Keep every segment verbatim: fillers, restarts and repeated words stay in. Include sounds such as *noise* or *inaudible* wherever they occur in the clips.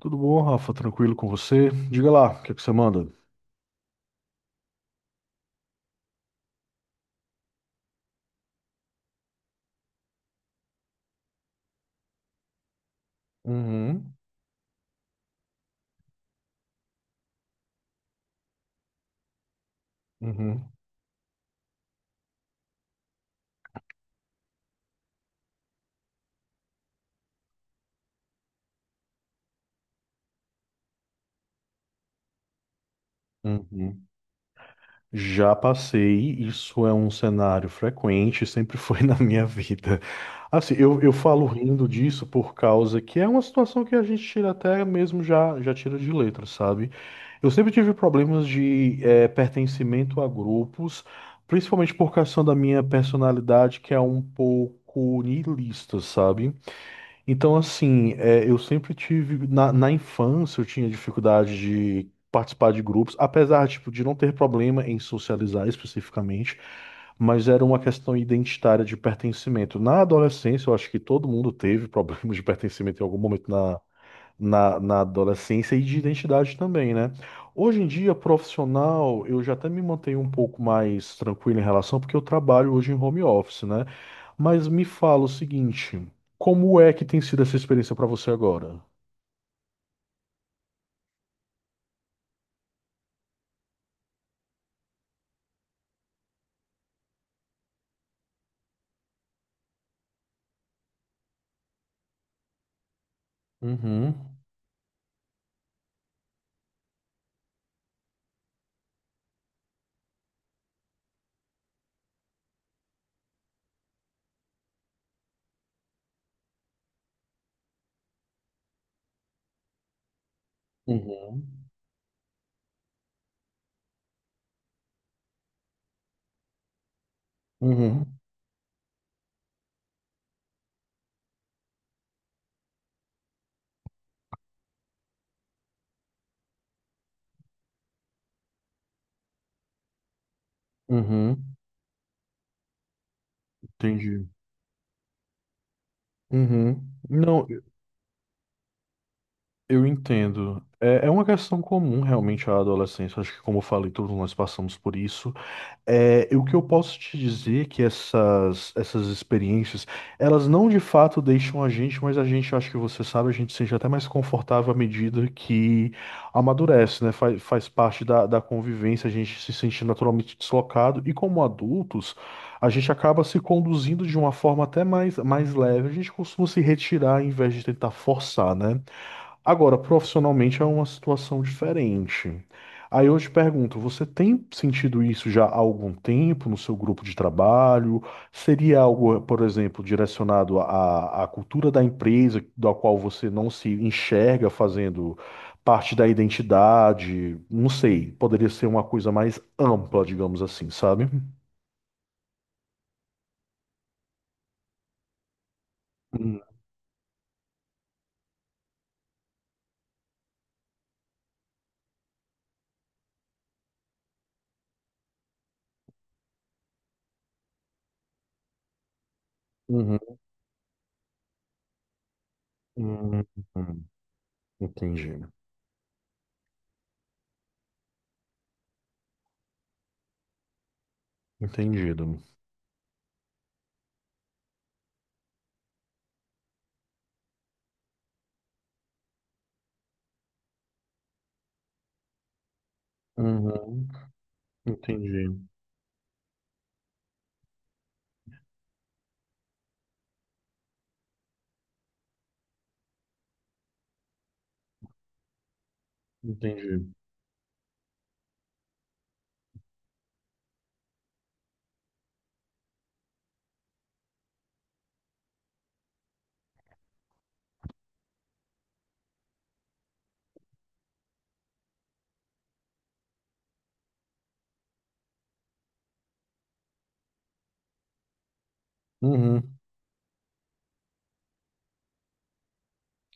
Tudo bom, Rafa? Tranquilo com você? Diga lá, o que é que você manda? Uhum, uhum, uhum. Já passei, isso é um cenário frequente, sempre foi *laughs* na minha vida. Assim, eu, eu falo rindo disso por causa que é uma situação que a gente tira até mesmo já, já tira de letra, sabe? Eu sempre tive problemas de eh, pertencimento a grupos, principalmente por causa da minha personalidade, que é um pouco niilista, sabe? Então, assim, é, eu sempre tive, na, na infância, eu tinha dificuldade de participar de grupos, apesar, tipo, de não ter problema em socializar especificamente, mas era uma questão identitária de pertencimento. Na adolescência, eu acho que todo mundo teve *laughs* problemas de pertencimento em algum momento na, na adolescência e de identidade também, né? Hoje em dia, profissional, eu já até me mantenho um pouco mais tranquilo em relação, porque eu trabalho hoje em home office, né? Mas me fala o seguinte, como é que tem sido essa experiência para você agora? Uhum, uhum, uhum, uhum, entendi. Uhum. Não, eu eu entendo. É, é uma questão comum realmente à adolescência. Acho que, como eu falei, todos nós passamos por isso. É, e o que eu posso te dizer é que essas, essas experiências, elas não de fato deixam a gente, mas a gente, eu acho que você sabe, a gente seja até mais confortável à medida que amadurece, né? Faz, faz parte da, da convivência, a gente se sente naturalmente deslocado, e como adultos, a gente acaba se conduzindo de uma forma até mais, mais leve, a gente costuma se retirar em vez de tentar forçar, né? Agora, profissionalmente é uma situação diferente. Aí eu te pergunto, você tem sentido isso já há algum tempo no seu grupo de trabalho? Seria algo, por exemplo, direcionado à, à cultura da empresa, da qual você não se enxerga fazendo parte da identidade? Não sei, poderia ser uma coisa mais ampla, digamos assim, sabe? Hum, Uhum, uhum, uhum. Entendi. Entendido. Uhum, entendi. Entendi. Uhum.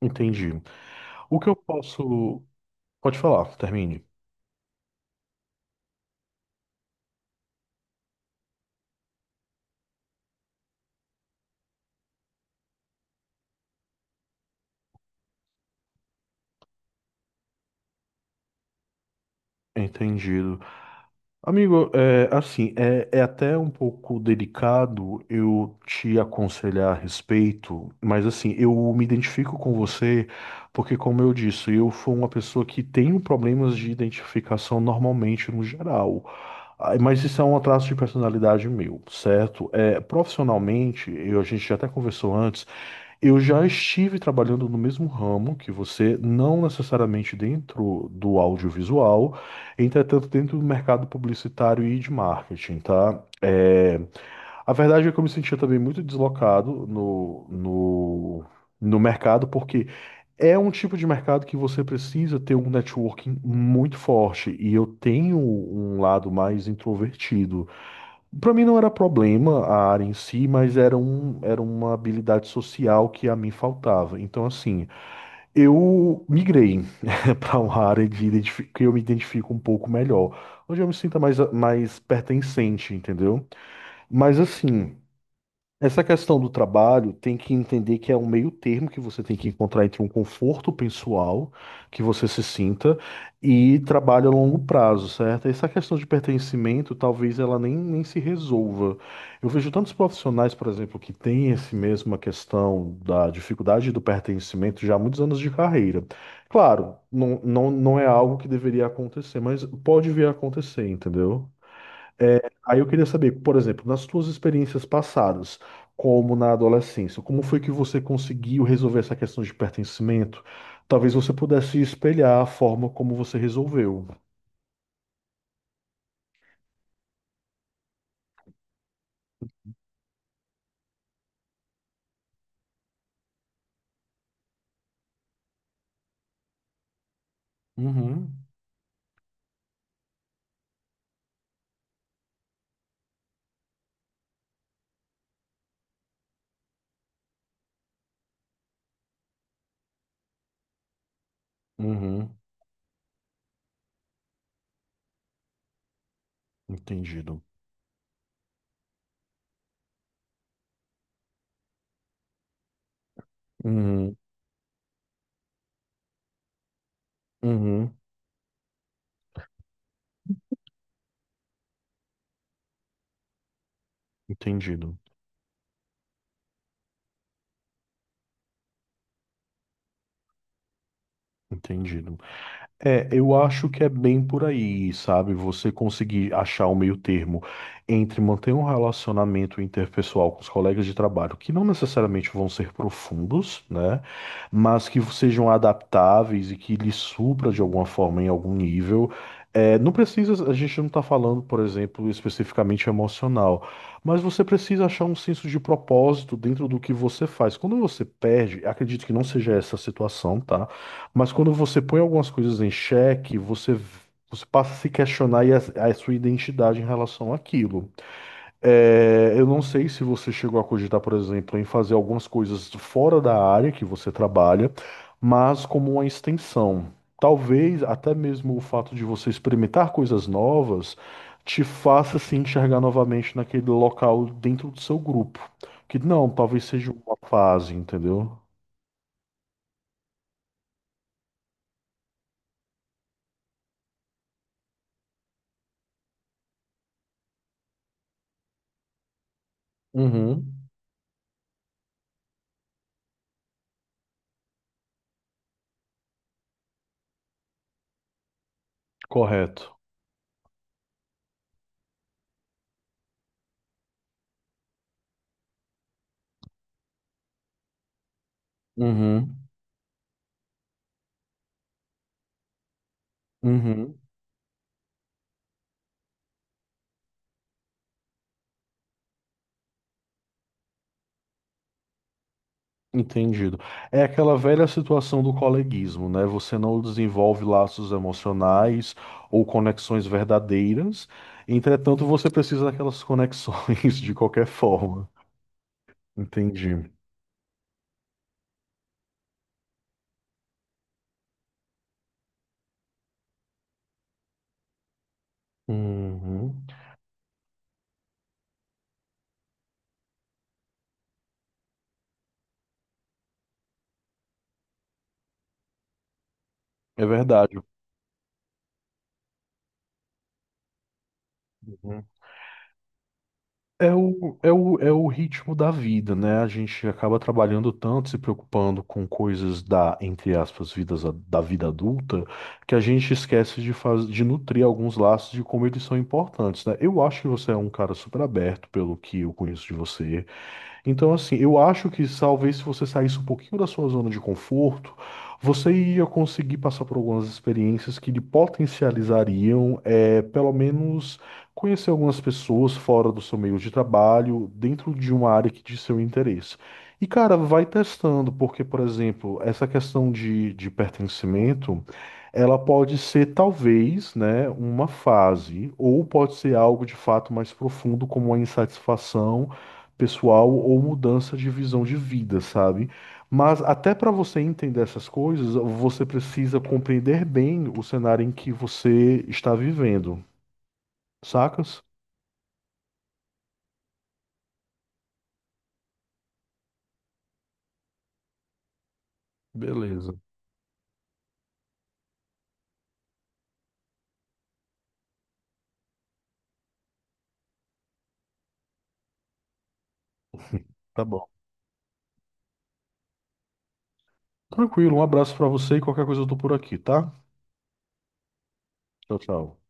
Entendi. O que eu posso. Pode falar, termine. Entendido. Amigo, é, assim, é, é até um pouco delicado eu te aconselhar a respeito, mas assim, eu me identifico com você porque, como eu disse, eu fui uma pessoa que tenho problemas de identificação normalmente no geral. Ah, mas isso é um traço de personalidade meu, certo? É, profissionalmente, eu, a gente já até conversou antes. Eu já estive trabalhando no mesmo ramo que você, não necessariamente dentro do audiovisual, entretanto dentro do mercado publicitário e de marketing, tá? É, a verdade é que eu me sentia também muito deslocado no, no, no mercado, porque é um tipo de mercado que você precisa ter um networking muito forte, e eu tenho um lado mais introvertido para mim não era problema a área em si, mas era, um, era uma habilidade social que a mim faltava. Então, assim, eu migrei *laughs* para uma área de identifi- que eu me identifico um pouco melhor, onde eu me sinto mais, mais pertencente, entendeu? Mas, assim. Essa questão do trabalho tem que entender que é um meio termo que você tem que encontrar entre um conforto pessoal que você se sinta e trabalho a longo prazo, certo? Essa questão de pertencimento talvez ela nem, nem se resolva. Eu vejo tantos profissionais, por exemplo, que têm esse mesma questão da dificuldade do pertencimento já há muitos anos de carreira. Claro, não, não, não é algo que deveria acontecer, mas pode vir a acontecer, entendeu? Aí eu queria saber, por exemplo, nas suas experiências passadas, como na adolescência, como foi que você conseguiu resolver essa questão de pertencimento? Talvez você pudesse espelhar a forma como você resolveu. Uhum, uhum, entendido. Uhum, uhum, entendido, entendido. É, eu acho que é bem por aí, sabe? Você conseguir achar o meio termo entre manter um relacionamento interpessoal com os colegas de trabalho, que não necessariamente vão ser profundos, né? Mas que sejam adaptáveis e que lhe supra de alguma forma em algum nível. É, não precisa, a gente não está falando, por exemplo, especificamente emocional, mas você precisa achar um senso de propósito dentro do que você faz. Quando você perde, acredito que não seja essa a situação, tá? Mas quando você põe algumas coisas em xeque, você, você passa a se questionar e a, a sua identidade em relação àquilo. É, eu não sei se você chegou a cogitar, por exemplo, em fazer algumas coisas fora da área que você trabalha, mas como uma extensão. Talvez até mesmo o fato de você experimentar coisas novas te faça se enxergar novamente naquele local dentro do seu grupo. Que não, talvez seja uma fase, entendeu? Uhum, correto. Uhum. Uhum, entendido. É aquela velha situação do coleguismo, né? Você não desenvolve laços emocionais ou conexões verdadeiras, entretanto, você precisa daquelas conexões *laughs* de qualquer forma. Entendi. Uhum. É verdade. Uhum. É o, é o, é o ritmo da vida, né? A gente acaba trabalhando tanto, se preocupando com coisas da, entre aspas, vidas, a- da vida adulta, que a gente esquece de, faz, de nutrir alguns laços de como eles são importantes, né? Eu acho que você é um cara super aberto, pelo que eu conheço de você. Então, assim, eu acho que talvez se você saísse um pouquinho da sua zona de conforto, você ia conseguir passar por algumas experiências que lhe potencializariam, é, pelo menos, conhecer algumas pessoas fora do seu meio de trabalho, dentro de uma área que de seu interesse. E, cara, vai testando, porque, por exemplo, essa questão de, de pertencimento, ela pode ser, talvez, né, uma fase, ou pode ser algo de fato mais profundo, como a insatisfação pessoal ou mudança de visão de vida, sabe? Mas até para você entender essas coisas, você precisa compreender bem o cenário em que você está vivendo, sacas? Beleza. *laughs* Tá bom. Tranquilo, um abraço para você e qualquer coisa eu tô por aqui, tá? Tchau, tchau.